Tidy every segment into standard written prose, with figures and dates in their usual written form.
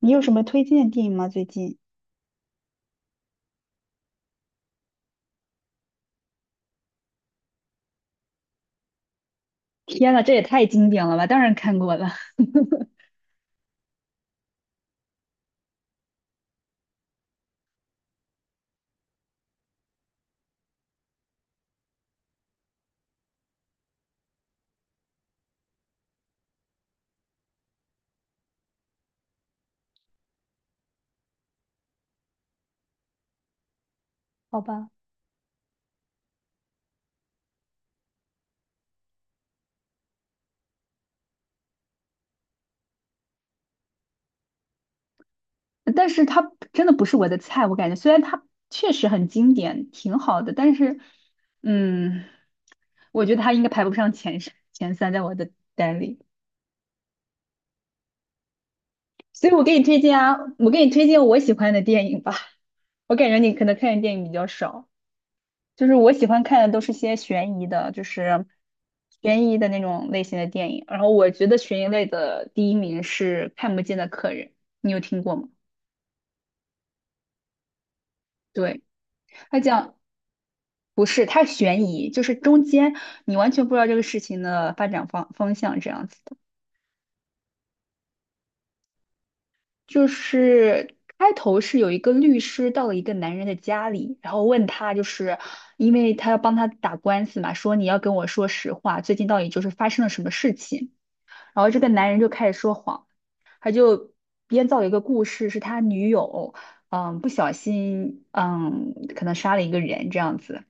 你有什么推荐的电影吗？最近？天呐，这也太经典了吧！当然看过了，好吧，但是它真的不是我的菜。我感觉虽然它确实很经典，挺好的，但是，嗯，我觉得它应该排不上前十前三，在我的单里。所以我给你推荐啊，我给你推荐我喜欢的电影吧。我感觉你可能看的电影比较少。就是我喜欢看的都是些悬疑的，悬疑的那种类型的电影。然后我觉得悬疑类的第一名是《看不见的客人》，你有听过吗？对，他讲不是，他悬疑，就是中间你完全不知道这个事情的发展方向这样子的。就是开头是有一个律师到了一个男人的家里，然后问他，就是因为他要帮他打官司嘛，说你要跟我说实话，最近到底就是发生了什么事情。然后这个男人就开始说谎。编造一个故事，是他女友，不小心，可能杀了一个人这样子。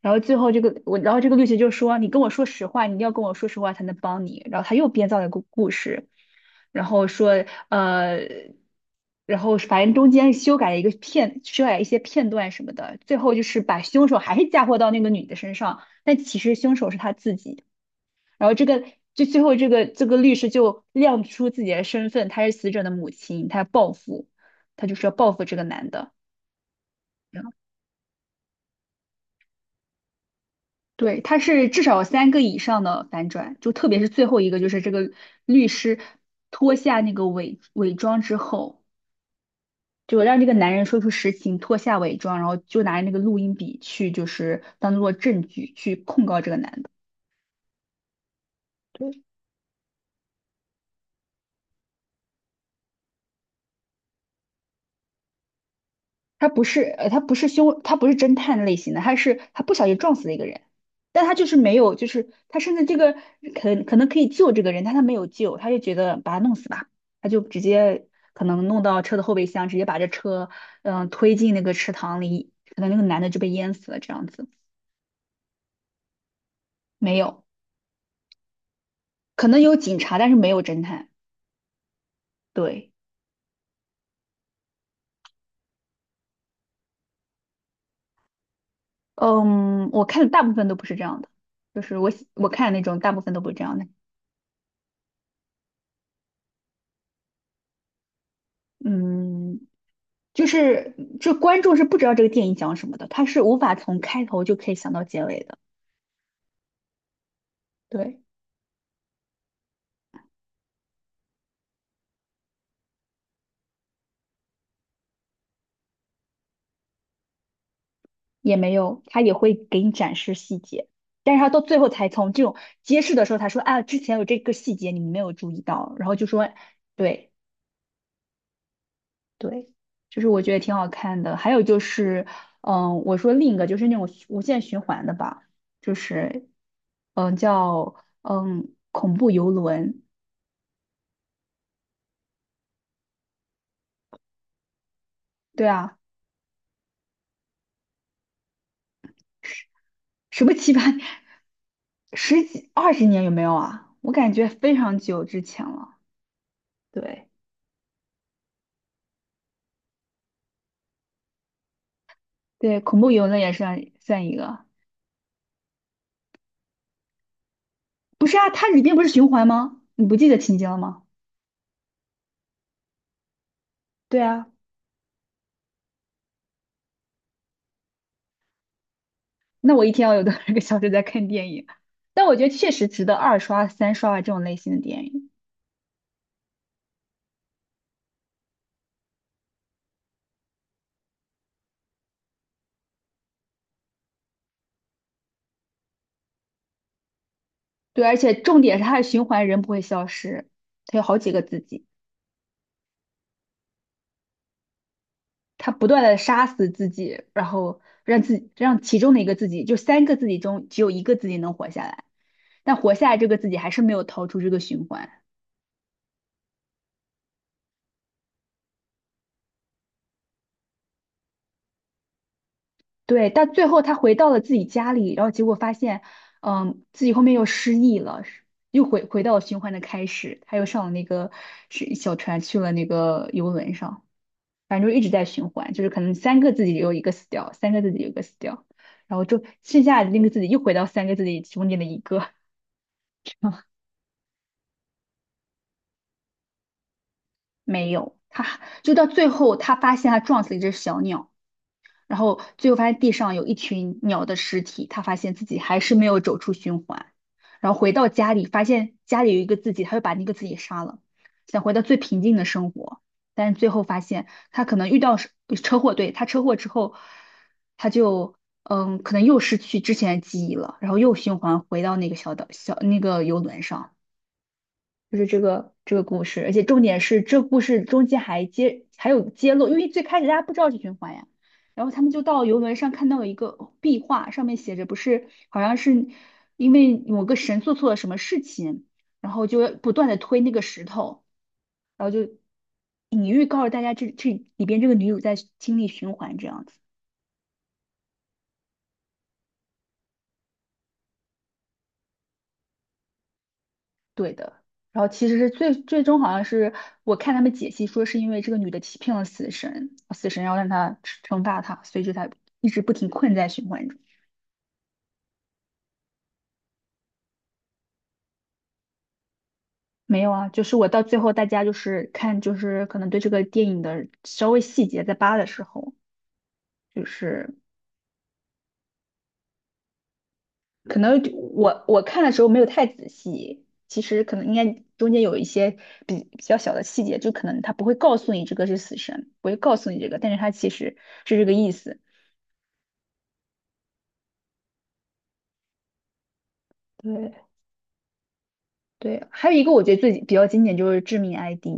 然后最后这个我，然后这个律师就说："你跟我说实话，你一定要跟我说实话才能帮你。"然后他又编造了一个故事，然后说，然后反正中间修改了一个片，修改一些片段什么的，最后就是把凶手还是嫁祸到那个女的身上，但其实凶手是他自己。然后这个就最后这个律师就亮出自己的身份，他是死者的母亲，她要报复，她就是要报复这个男的。然后对，他是至少有三个以上的反转，就特别是最后一个，就是这个律师脱下那个伪装之后，就让这个男人说出实情，脱下伪装，然后就拿着那个录音笔去，就是当做证据去控告这个男的。对，他不是他不是凶，他不是侦探类型的，他是他不小心撞死了一个人，但他就是没有，就是他甚至这个可能可以救这个人，但他没有救，他就觉得把他弄死吧，他就直接可能弄到车的后备箱，直接把这车推进那个池塘里，可能那个男的就被淹死了这样子，没有，可能有警察，但是没有侦探，对，嗯，我看的大部分都不是这样的，就是我喜我看的那种大部分都不是这样的，嗯。就是这观众是不知道这个电影讲什么的，他是无法从开头就可以想到结尾的。对，也没有，他也会给你展示细节，但是他到最后才从这种揭示的时候，他说啊，之前有这个细节你们没有注意到，然后就说对对，就是我觉得挺好看的。还有就是，嗯，我说另一个就是那种无限循环的吧，就是叫恐怖游轮，对啊。什么七八年、十几二十年有没有啊？我感觉非常久之前了。对对，恐怖游乐也算一个。不是啊，它里边不是循环吗？你不记得情节了吗？对啊，那我一天要有多少个小时在看电影？但我觉得确实值得二刷、三刷啊这种类型的电影。对，而且重点是它的循环，人不会消失，它有好几个自己，它不断的杀死自己，然后让自己让其中的一个自己，就三个自己中只有一个自己能活下来。但活下来这个自己还是没有逃出这个循环。对，但最后他回到了自己家里，然后结果发现，嗯，自己后面又失忆了，又回到了循环的开始。他又上了那个是小船去了那个游轮上，反正就一直在循环，就是可能三个自己有一个死掉，三个自己有一个死掉，然后就剩下的那个自己又回到三个自己中间的一个，没有，他就到最后他发现他撞死了一只小鸟。然后最后发现地上有一群鸟的尸体，他发现自己还是没有走出循环，然后回到家里，发现家里有一个自己，他就把那个自己杀了，想回到最平静的生活，但是最后发现他可能遇到是车祸，对，他车祸之后，他就可能又失去之前的记忆了，然后又循环回到那个小岛小那个游轮上。就是这个故事，而且重点是这故事中间还有揭露，因为最开始大家不知道是循环呀，然后他们就到游轮上看到了一个壁画，上面写着不是好像是因为某个神做错了什么事情，然后就不断的推那个石头，然后就隐喻告诉大家这这里边这个女主在经历循环这样子。对的。然后其实是最终好像是我看他们解析说是因为这个女的欺骗了死神，死神要让她惩罚她，所以就才一直不停困在循环中。没有啊，就是我到最后大家就是看就是可能对这个电影的稍微细节在扒的时候，就是可能我看的时候没有太仔细，其实可能应该中间有一些比较小的细节，就可能他不会告诉你这个是死神，不会告诉你这个，但是他其实是这个意思。对，对，还有一个我觉得最比较经典就是《致命 ID》,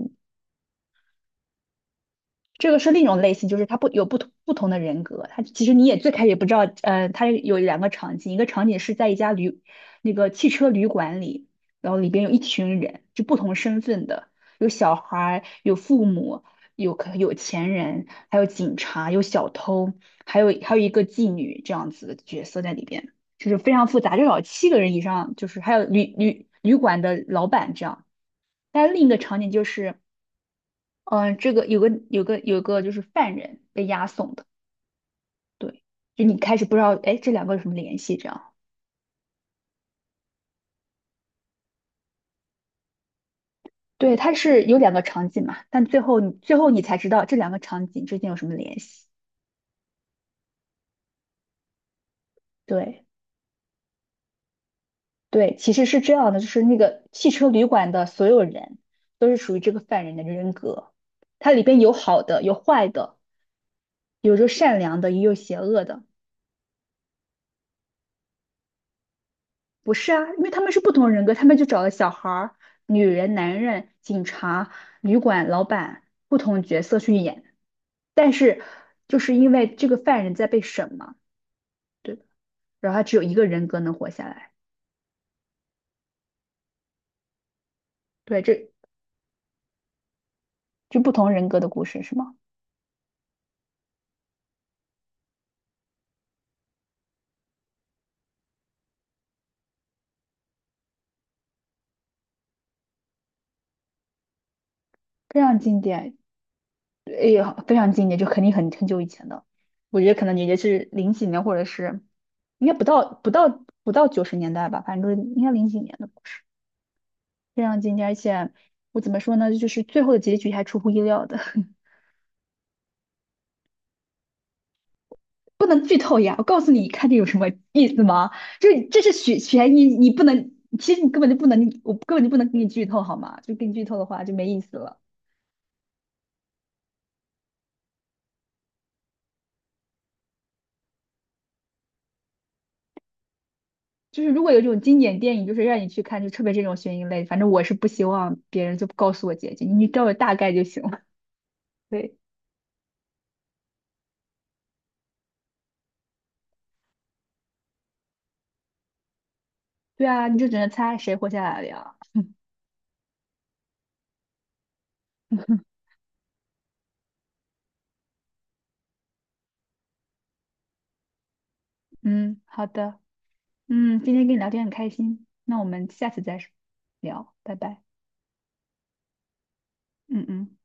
这个是另一种类型，就是它不有不同的人格，它其实你也最开始也不知道，它有两个场景，一个场景是在一家旅那个汽车旅馆里，然后里边有一群人，就不同身份的，有小孩儿，有父母，有钱人，还有警察，有小偷，还有一个妓女这样子的角色在里边，就是非常复杂，至少七个人以上，就是还有旅馆的老板这样。但另一个场景就是，嗯、这个有个就是犯人被押送的，对，就你开始不知道，哎，这两个有什么联系？这样，对，它是有两个场景嘛，但最后你才知道这两个场景之间有什么联系。对对，其实是这样的，就是那个汽车旅馆的所有人都是属于这个犯人的人格，它里边有好的，有坏的，有着善良的，也有邪恶的。不是啊，因为他们是不同人格，他们就找了小孩儿、女人、男人、警察、旅馆老板不同角色去演，但是就是因为这个犯人在被审嘛，对吧然后他只有一个人格能活下来，对，这就不同人格的故事是吗？非常经典，哎呀，非常经典，就肯定很久以前的，我觉得可能也就是零几年或者是应该不到九十年代吧，反正就是应该零几年的。故事。非常经典，而且我怎么说呢，就是最后的结局还出乎意料的，不能剧透呀！我告诉你，看这有什么意思吗？就是这是悬疑，你不能，其实你根本就不能，我根本就不能给你剧透好吗？就给你剧透的话就没意思了。就是如果有这种经典电影，就是让你去看，就特别这种悬疑类，反正我是不希望别人就告诉我结局，你告诉我大概就行了。对，对啊，你就只能猜谁活下来了呀。嗯，好的。嗯，今天跟你聊天很开心，那我们下次再聊，拜拜。嗯嗯。